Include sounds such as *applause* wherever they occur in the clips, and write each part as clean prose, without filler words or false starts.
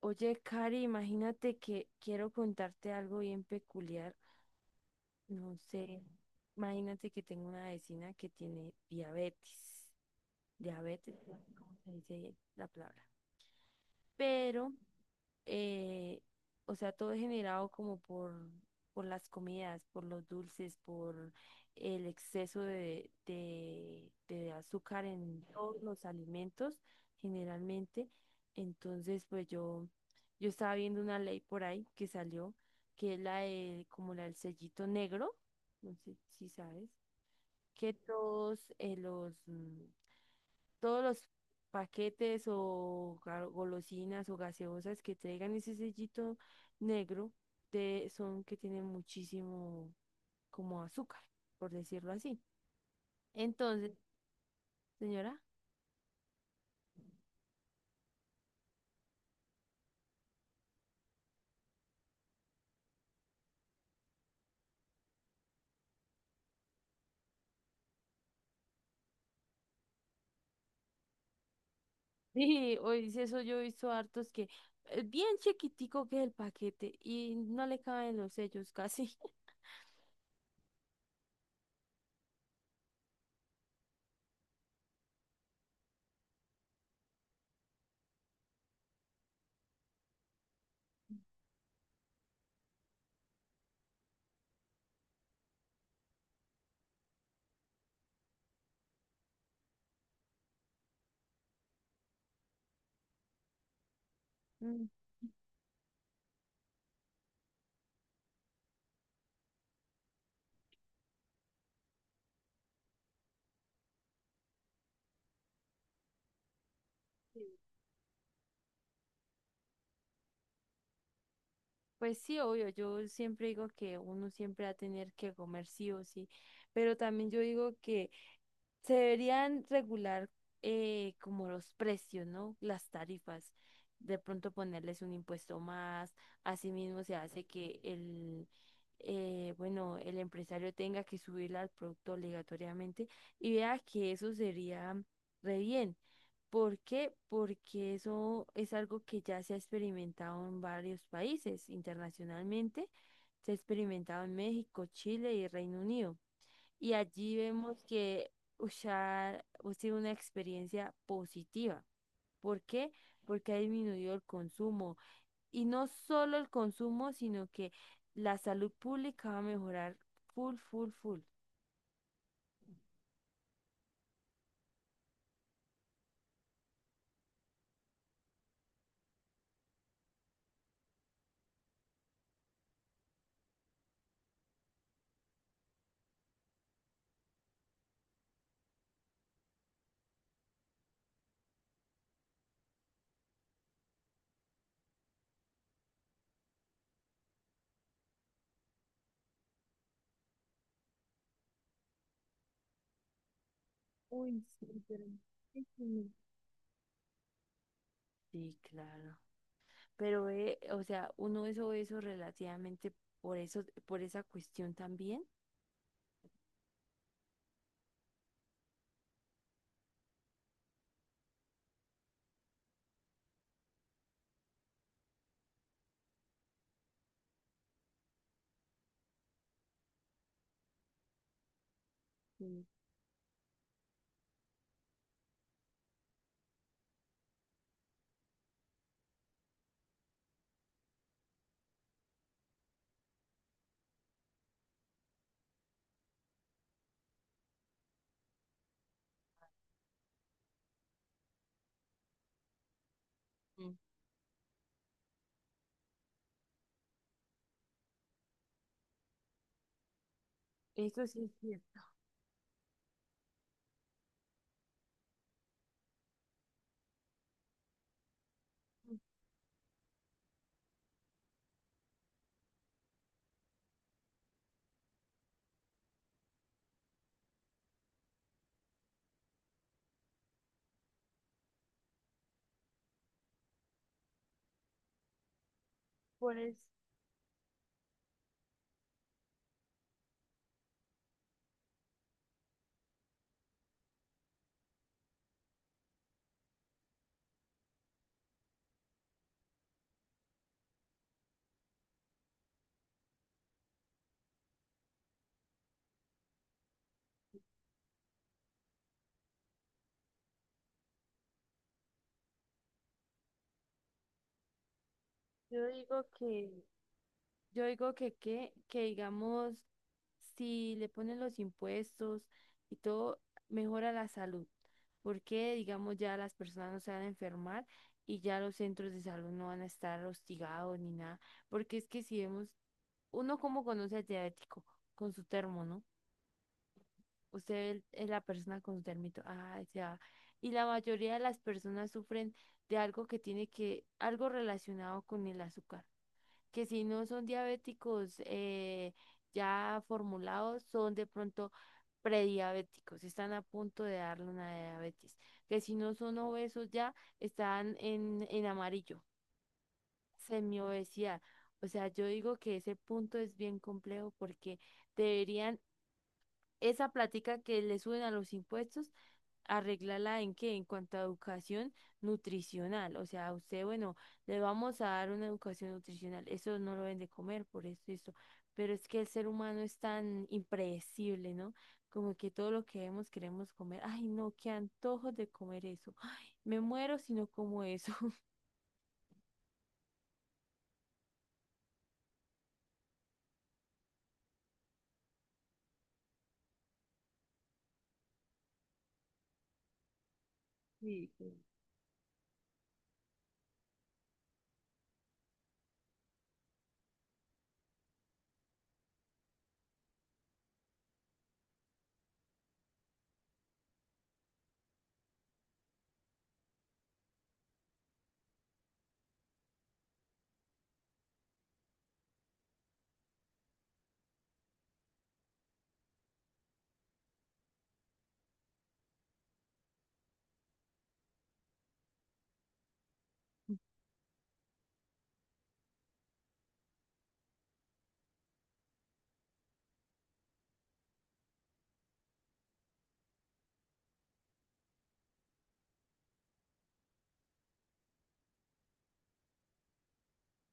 Oye, Cari, imagínate que quiero contarte algo bien peculiar. No sé, imagínate que tengo una vecina que tiene diabetes. Diabetes, no sé, ¿cómo se dice la palabra? Pero eh, o sea, todo es generado como por las comidas, por los dulces, por el exceso de azúcar en todos los alimentos, generalmente. Entonces, pues yo estaba viendo una ley por ahí que salió, que es la de, como la del sellito negro, no sé si sabes, que todos todos los paquetes o golosinas o gaseosas que traigan ese sellito negro de, son que tienen muchísimo como azúcar, por decirlo así. Entonces, señora, *laughs* sí, hoy dice eso, yo he visto hartos que bien chiquitico que es el paquete y no le caben los sellos casi. *laughs* Mm, sí. Pues sí, obvio, yo siempre digo que uno siempre va a tener que comer sí o sí, pero también yo digo que se deberían regular como los precios, ¿no? Las tarifas. De pronto ponerles un impuesto más. Asimismo se hace que el, bueno, el empresario tenga que subir al producto obligatoriamente y vea que eso sería re bien. ¿Por qué? Porque eso es algo que ya se ha experimentado en varios países internacionalmente. Se ha experimentado en México, Chile y Reino Unido. Y allí vemos que usar ha sido una experiencia positiva. ¿Por qué? Porque ha disminuido el consumo. Y no solo el consumo, sino que la salud pública va a mejorar full, full, full. Uy, sí, pero es que no. Sí, claro. Pero, o sea, uno es obeso relativamente por eso, por esa cuestión también. Sí. Mm. Eso sí es cierto. Por eso yo digo que digamos, si le ponen los impuestos y todo, mejora la salud, porque digamos ya las personas no se van a enfermar y ya los centros de salud no van a estar hostigados ni nada, porque es que si vemos, uno como conoce al diabético con su termo, ¿no? Usted es la persona con su termito, ah, ya. Y la mayoría de las personas sufren de algo que tiene que, algo relacionado con el azúcar que si no son diabéticos ya formulados, son de pronto prediabéticos, están a punto de darle una diabetes, que si no son obesos ya están en amarillo, semiobesidad. O sea, yo digo que ese punto es bien complejo porque deberían esa plática que le suben a los impuestos, arreglarla en qué, en cuanto a educación nutricional. O sea, a usted, bueno, le vamos a dar una educación nutricional. Eso no lo ven de comer, por eso, eso. Pero es que el ser humano es tan impredecible, ¿no? Como que todo lo que vemos queremos comer. Ay, no, qué antojos de comer eso. Ay, me muero si no como eso. *laughs*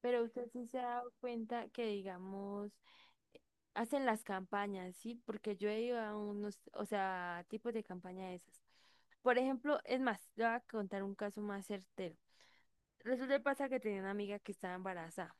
Pero usted sí se ha dado cuenta que, digamos, hacen las campañas, ¿sí? Porque yo he ido a unos, o sea, tipos de campaña de esas. Por ejemplo, es más, le voy a contar un caso más certero. Resulta y pasa que tenía una amiga que estaba embarazada.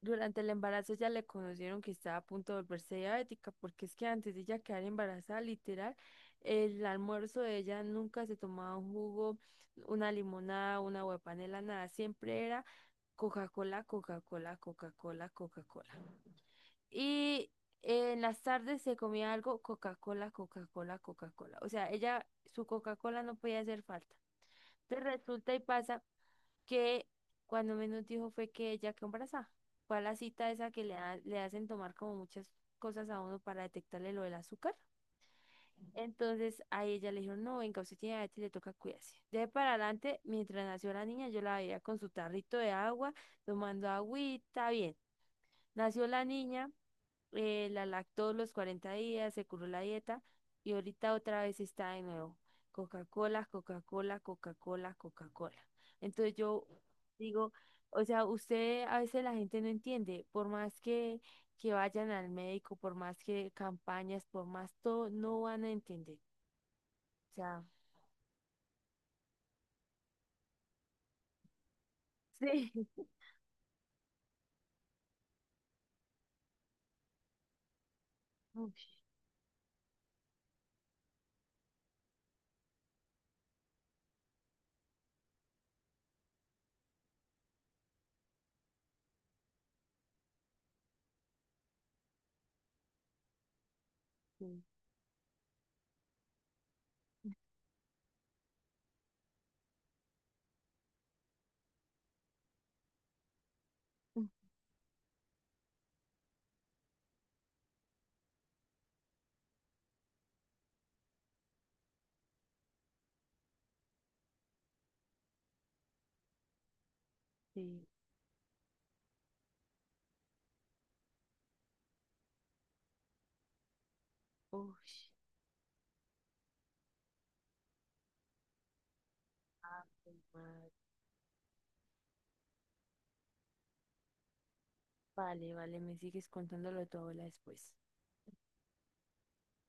Durante el embarazo ya le conocieron que estaba a punto de volverse diabética, porque es que antes de ella quedar embarazada, literal, el almuerzo de ella nunca se tomaba un jugo, una limonada, una agua de panela, nada. Siempre era Coca-Cola, Coca-Cola, Coca-Cola, Coca-Cola. Y en las tardes se comía algo, Coca-Cola, Coca-Cola, Coca-Cola. O sea, ella, su Coca-Cola no podía hacer falta. Entonces resulta y pasa que cuando menos dijo fue que ella quedó embarazada. Fue a la cita esa que le hacen tomar como muchas cosas a uno para detectarle lo del azúcar. Entonces a ella le dijeron, no, venga, usted tiene diabetes, le toca cuidarse. De ahí para adelante, mientras nació la niña, yo la veía con su tarrito de agua, tomando agüita, bien. Nació la niña, la lactó los 40 días, se curó la dieta y ahorita otra vez está de nuevo. Coca-Cola, Coca-Cola, Coca-Cola, Coca-Cola. Entonces yo digo, o sea, usted a veces la gente no entiende, por más que vayan al médico, por más que campañas, por más todo, no van a entender. O sea, sí. *laughs* Uy, sí, sí, uy, madre. Vale, vale, me sigues contándolo de tu abuela después.